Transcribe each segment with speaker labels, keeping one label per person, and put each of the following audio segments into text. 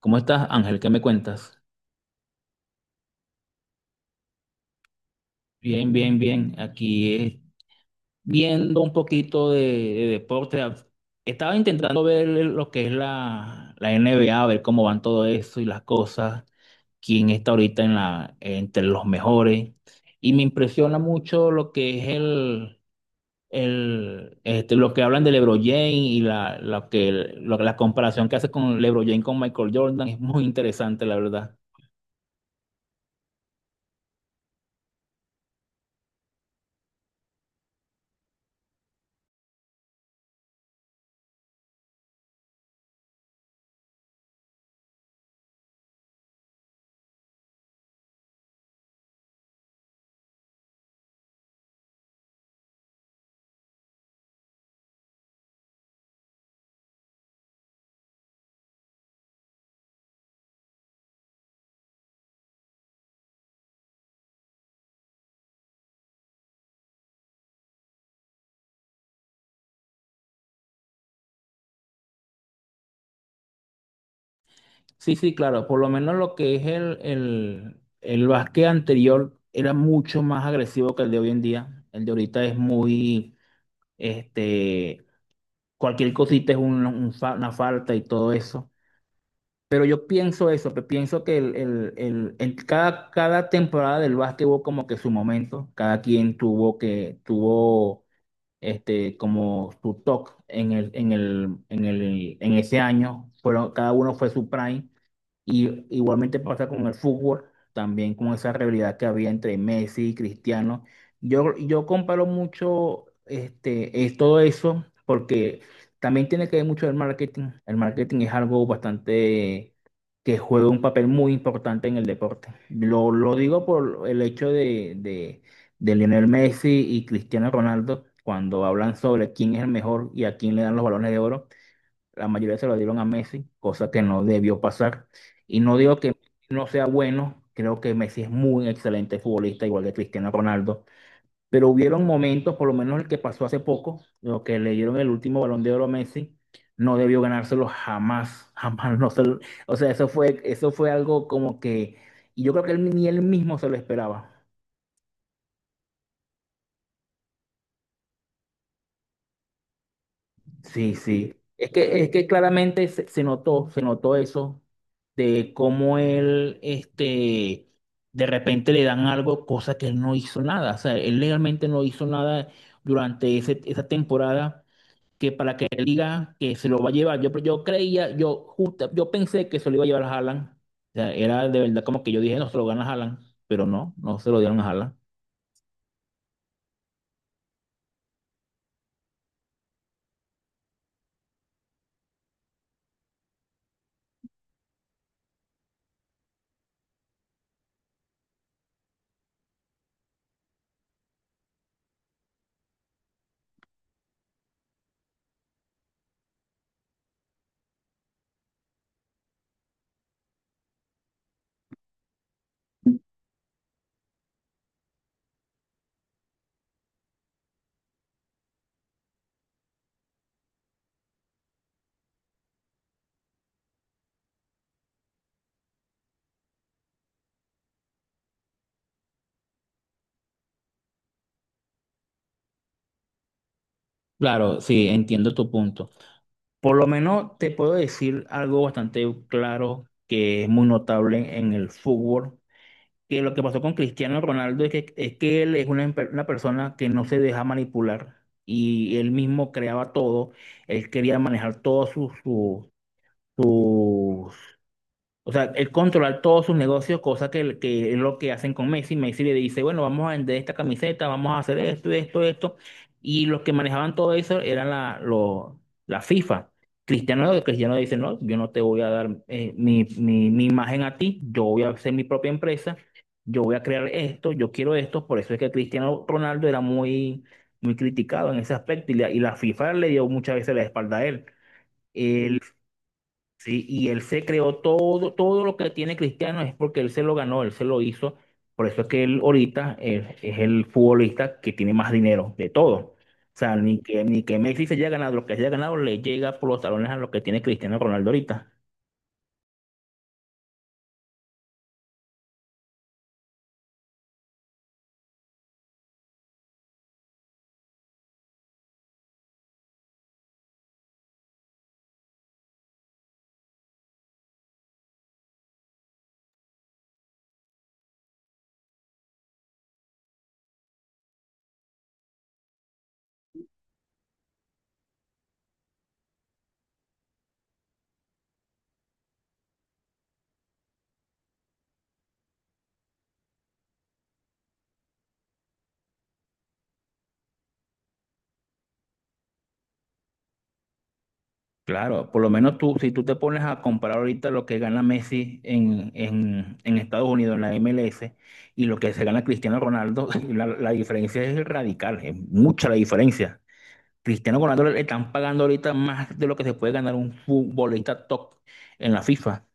Speaker 1: ¿Cómo estás, Ángel? ¿Qué me cuentas? Bien, bien, bien. Aquí viendo un poquito de deporte. Estaba intentando ver lo que es la NBA, ver cómo van todo eso y las cosas, quién está ahorita en la, entre los mejores. Y me impresiona mucho lo que es lo que hablan de LeBron James y la comparación que hace con LeBron James con Michael Jordan. Es muy interesante, la verdad. Sí, sí, claro. Por lo menos lo que es el básquet anterior era mucho más agresivo que el de hoy en día. El de ahorita es este, cualquier cosita es una falta y todo eso. Pero yo pienso eso, que pienso que cada temporada del básquet hubo como que su momento. Cada quien tuvo como su toque en ese año. Fueron, cada uno fue su prime. Y igualmente pasa con el fútbol, también con esa rivalidad que había entre Messi y Cristiano. Yo comparo mucho es todo eso porque también tiene que ver mucho el marketing. El marketing es algo bastante que juega un papel muy importante en el deporte. Lo digo por el hecho de Lionel Messi y Cristiano Ronaldo cuando hablan sobre quién es el mejor y a quién le dan los balones de oro. La mayoría se lo dieron a Messi, cosa que no debió pasar. Y no digo que no sea bueno, creo que Messi es muy excelente futbolista, igual que Cristiano Ronaldo. Pero hubieron momentos, por lo menos el que pasó hace poco, lo que le dieron el último balón de oro a Messi, no debió ganárselo jamás, jamás. No se lo- O sea, eso fue algo como que, y yo creo que él, ni él mismo se lo esperaba. Sí, sí. Es que claramente se notó eso de cómo de repente le dan algo, cosa que él no hizo nada. O sea, él legalmente no hizo nada durante esa temporada que para que él diga que se lo va a llevar. Yo creía, yo justa- yo pensé que se lo iba a llevar a Haaland. O sea, era de verdad como que yo dije, no se lo gana a Haaland, pero no, no se lo dieron a Haaland. Claro, sí, entiendo tu punto. Por lo menos te puedo decir algo bastante claro que es muy notable en el fútbol, que lo que pasó con Cristiano Ronaldo es que él es una persona que no se deja manipular y él mismo creaba todo, él quería manejar todos sus, o sea, él controlar todos sus negocios, que es lo que hacen con Messi. Messi le dice, bueno, vamos a vender esta camiseta, vamos a hacer esto, esto, esto. Y los que manejaban todo eso la FIFA. Cristiano dice, no, yo no te voy a dar mi imagen a ti, yo voy a hacer mi propia empresa, yo voy a crear esto, yo quiero esto. Por eso es que Cristiano Ronaldo era muy criticado en ese aspecto y la FIFA le dio muchas veces la espalda a él. Eh, Sí, y él se creó todo, todo lo que tiene Cristiano es porque él se lo ganó, él se lo hizo. Por eso es que él ahorita es el futbolista que tiene más dinero de todo. O sea, ni que Messi se haya ganado lo que se haya ganado, le llega por los talones a lo que tiene Cristiano Ronaldo ahorita. Claro, por lo menos tú, si tú te pones a comparar ahorita lo que gana Messi en Estados Unidos, en la MLS, y lo que se gana Cristiano Ronaldo, la diferencia es radical, es mucha la diferencia. Cristiano Ronaldo le están pagando ahorita más de lo que se puede ganar un futbolista top en la FIFA.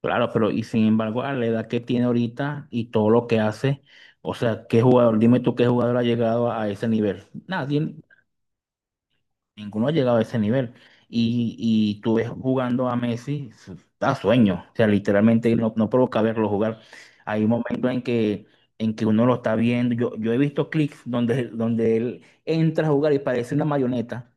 Speaker 1: Claro, pero y sin embargo, a la edad que tiene ahorita y todo lo que hace, o sea, ¿qué jugador? Dime tú qué jugador ha llegado a ese nivel. Nadie, ninguno ha llegado a ese nivel. Y tú ves jugando a Messi, da sueño. O sea, literalmente no, no provoca verlo jugar. Hay momentos en que uno lo está viendo. Yo he visto clics donde él entra a jugar y parece una marioneta.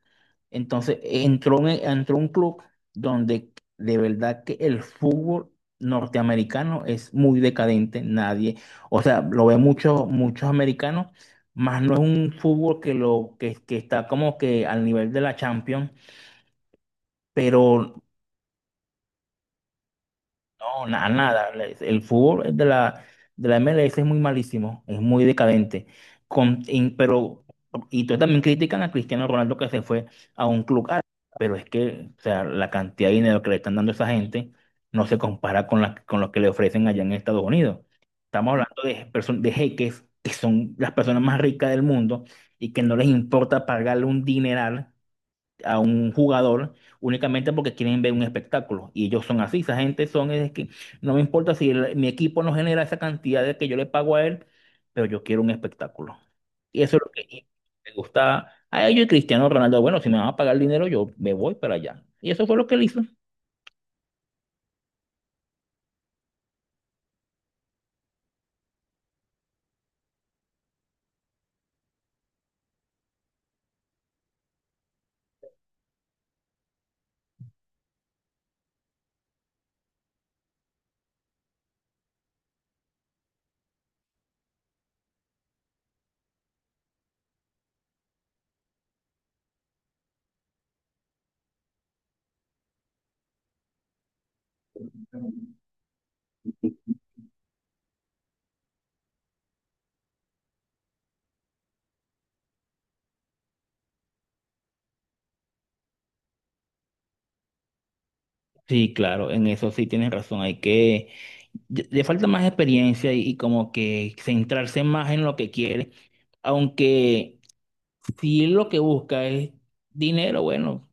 Speaker 1: Entonces, entró a un club donde de verdad que el fútbol norteamericano es muy decadente. Nadie, o sea, lo ve muchos, muchos americanos más no es un fútbol que está como que al nivel de la Champions, pero no, nada, nada. El fútbol de la MLS es muy malísimo, es muy decadente. Con, y- pero, y tú también critican a Cristiano Ronaldo que se fue a un club árabe, pero es que, o sea, la cantidad de dinero que le están dando a esa gente no se compara con lo que le ofrecen allá en Estados Unidos. Estamos hablando de jeques que son las personas más ricas del mundo y que no les importa pagarle un dineral a un jugador únicamente porque quieren ver un espectáculo. Y ellos son así, esa gente son, es que no me importa mi equipo no genera esa cantidad de que yo le pago a él, pero yo quiero un espectáculo. Y eso es lo que me gusta a ellos y Cristiano Ronaldo. Bueno, si me van a pagar dinero, yo me voy para allá. Y eso fue lo que él hizo. Sí, claro, en eso sí tienes razón. Le falta más experiencia y como que centrarse más en lo que quiere. Aunque si lo que busca es dinero, bueno.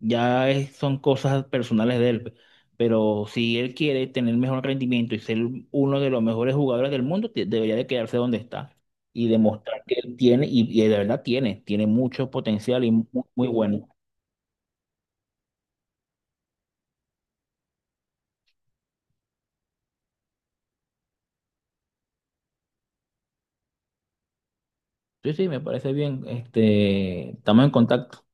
Speaker 1: Son cosas personales de él, pero si él quiere tener mejor rendimiento y ser uno de los mejores jugadores del mundo, debería de quedarse donde está y demostrar que él tiene, y de verdad tiene, tiene mucho potencial y mu- muy, bueno. Sí, sí, me parece bien. Este, estamos en contacto.